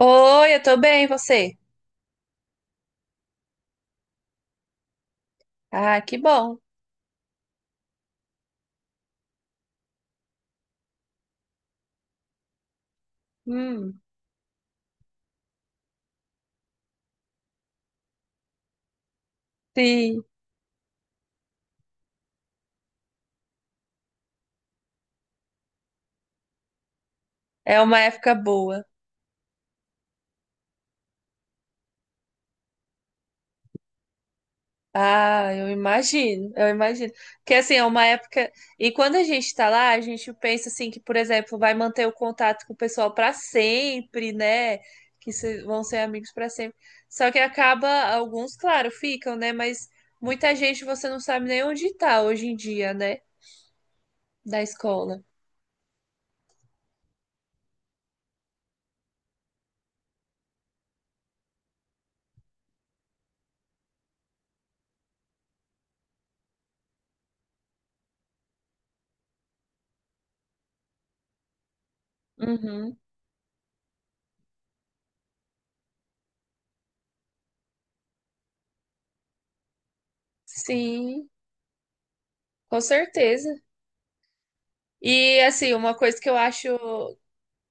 Oi, eu tô bem, e você? Ah, que bom. Hum, sim, é uma época boa. Ah, eu imagino, eu imagino. Porque assim, é uma época. E quando a gente tá lá, a gente pensa assim que, por exemplo, vai manter o contato com o pessoal pra sempre, né? Que vão ser amigos pra sempre. Só que acaba, alguns, claro, ficam, né? Mas muita gente você não sabe nem onde tá hoje em dia, né? Da escola. Uhum. Sim, com certeza. E assim, uma coisa que eu acho,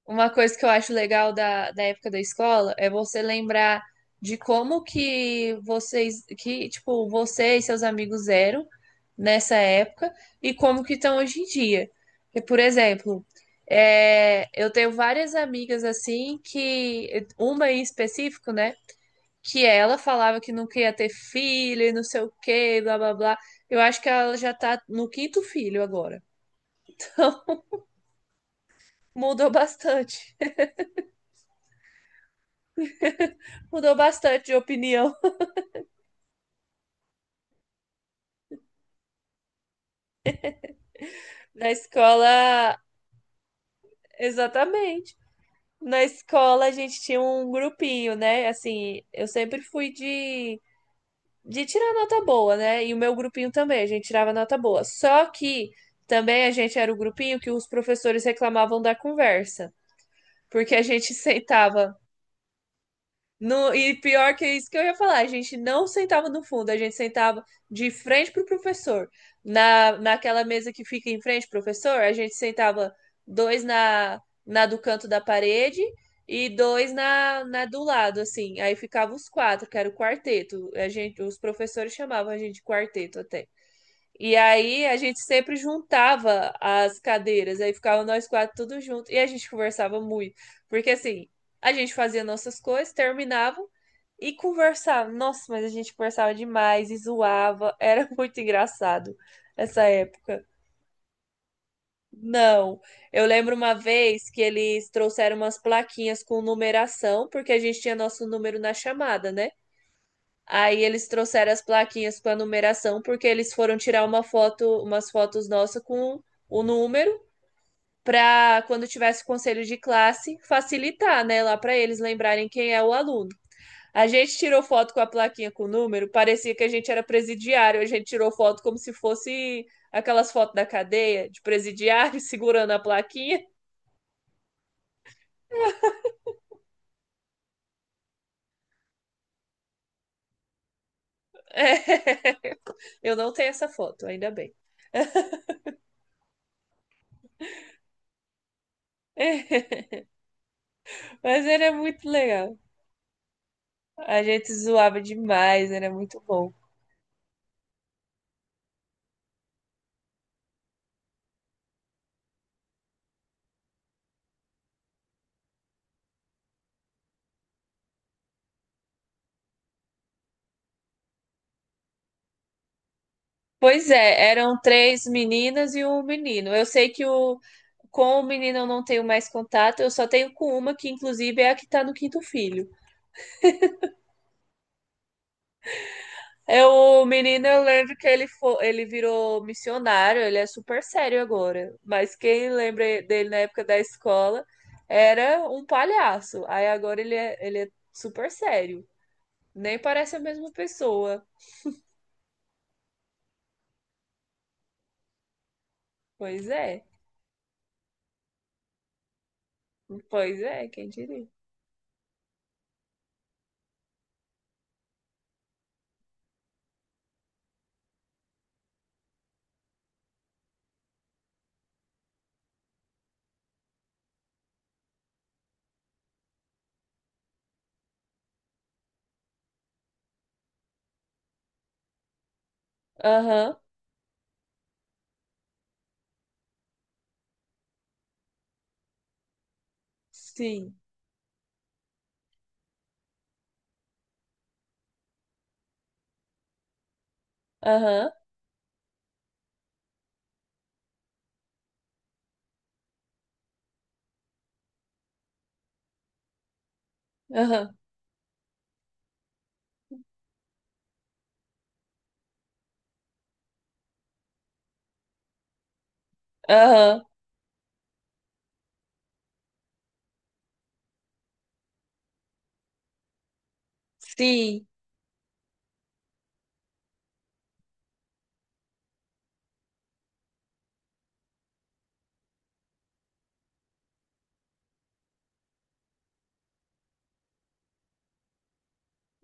uma coisa que eu acho legal da época da escola é você lembrar de como que vocês, que tipo, você e seus amigos eram nessa época e como que estão hoje em dia. Porque, por exemplo, é, eu tenho várias amigas assim que, uma em específico, né? Que ela falava que não queria ter filho e não sei o quê, blá blá blá. Eu acho que ela já tá no quinto filho agora. Mudou bastante. Mudou bastante de opinião. Na escola, exatamente. Na escola a gente tinha um grupinho, né? Assim, eu sempre fui de tirar nota boa, né? E o meu grupinho também, a gente tirava nota boa. Só que também a gente era o grupinho que os professores reclamavam da conversa, porque a gente sentava. No, e pior que é isso que eu ia falar, a gente não sentava no fundo, a gente sentava de frente pro professor. Naquela mesa que fica em frente, professor, a gente sentava dois na do canto da parede e dois na do lado, assim. Aí ficava os quatro, que era o quarteto. A gente, os professores chamavam a gente de quarteto até. E aí a gente sempre juntava as cadeiras, aí ficava nós quatro tudo junto e a gente conversava muito, porque assim, a gente fazia nossas coisas, terminava e conversava. Nossa, mas a gente conversava demais e zoava, era muito engraçado essa época. Não, eu lembro uma vez que eles trouxeram umas plaquinhas com numeração, porque a gente tinha nosso número na chamada, né? Aí eles trouxeram as plaquinhas com a numeração, porque eles foram tirar uma foto, umas fotos nossas com o número, para quando tivesse conselho de classe, facilitar, né, lá para eles lembrarem quem é o aluno. A gente tirou foto com a plaquinha com o número, parecia que a gente era presidiário, a gente tirou foto como se fosse aquelas fotos da cadeia, de presidiário segurando a plaquinha. Eu não tenho essa foto, ainda bem. Mas era muito legal. A gente zoava demais, era muito bom. Pois é, eram três meninas e um menino. Eu sei que com o menino eu não tenho mais contato, eu só tenho com uma, que inclusive é a que tá no quinto filho. É o menino, eu lembro que ele virou missionário, ele é, super sério agora. Mas quem lembra dele na época da escola era um palhaço. Aí agora ele é super sério. Nem parece a mesma pessoa. Pois é, pois é, quem diria. Aham. Sim. Aham. Aham. Aham. Sim.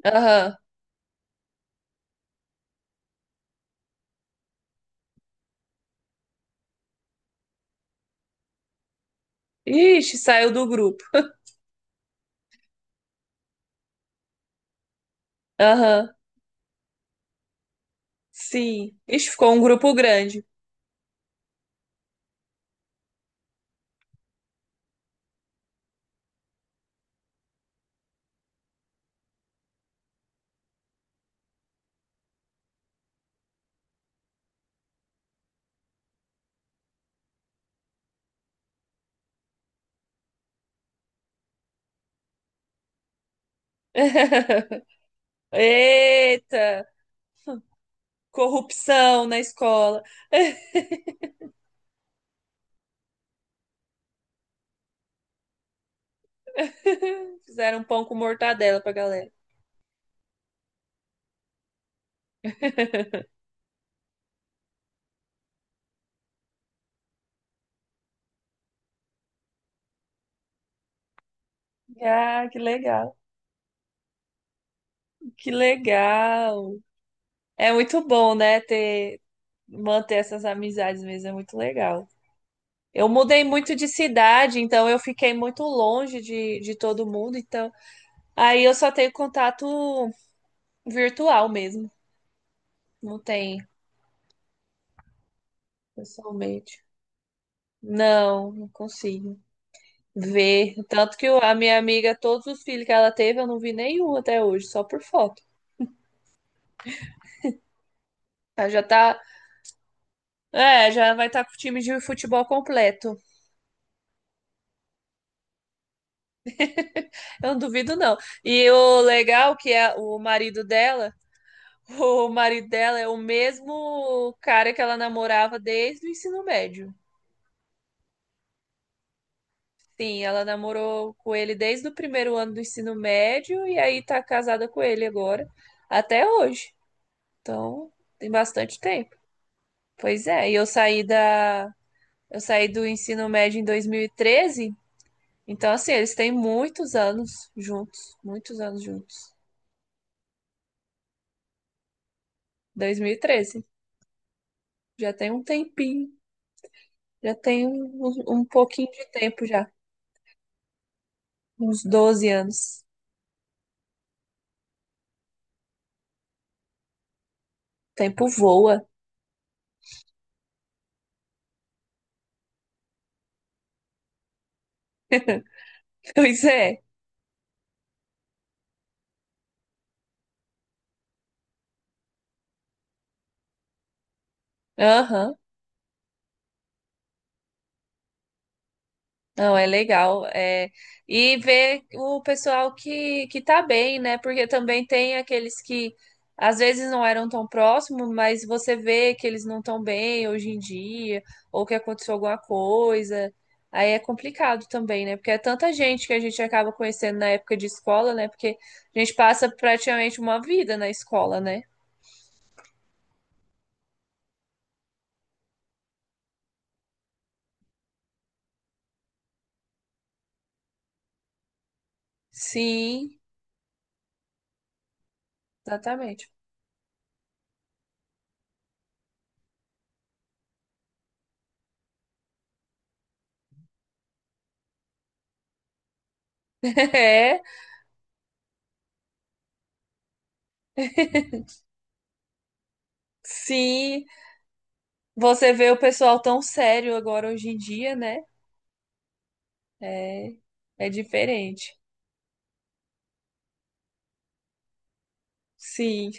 Aham. Ixi, saiu do grupo. Aham. Sim. Ixi, ficou um grupo grande. Eita! Corrupção na escola. Fizeram pão com mortadela pra galera. Ah, que legal. Que legal. É muito bom, né, ter manter essas amizades mesmo, é muito legal. Eu mudei muito de cidade, então eu fiquei muito longe de todo mundo, então. Aí eu só tenho contato virtual mesmo. Não tem pessoalmente. Não, não consigo ver. Tanto que a minha amiga, todos os filhos que ela teve, eu não vi nenhum até hoje, só por foto. Ela já tá. É, já vai estar com o time de futebol completo. Eu não duvido, não. E o legal que é o marido dela, o marido dela é o mesmo cara que ela namorava desde o ensino médio. Sim, ela namorou com ele desde o primeiro ano do ensino médio e aí tá casada com ele agora, até hoje. Então, tem bastante tempo. Pois é, e eu saí do ensino médio em 2013, então assim, eles têm muitos anos juntos, muitos anos juntos. 2013, já tem um tempinho, já tem um pouquinho de tempo já, uns 12 anos. O tempo voa. Pois é. Aham. Não, é legal. É. E ver o pessoal que tá bem, né? Porque também tem aqueles que às vezes não eram tão próximos, mas você vê que eles não estão bem hoje em dia, ou que aconteceu alguma coisa. Aí é complicado também, né? Porque é tanta gente que a gente acaba conhecendo na época de escola, né? Porque a gente passa praticamente uma vida na escola, né? Sim, exatamente. É, sim. Você vê o pessoal tão sério agora hoje em dia, né? É, é diferente. Sim.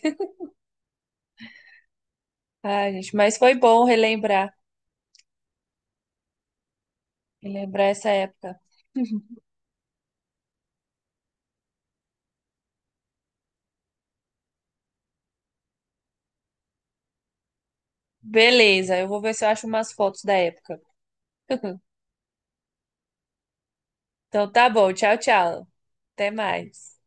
Ah, gente, mas foi bom relembrar, relembrar essa época. Beleza, eu vou ver se eu acho umas fotos da época. Então tá bom, tchau, tchau. Até mais.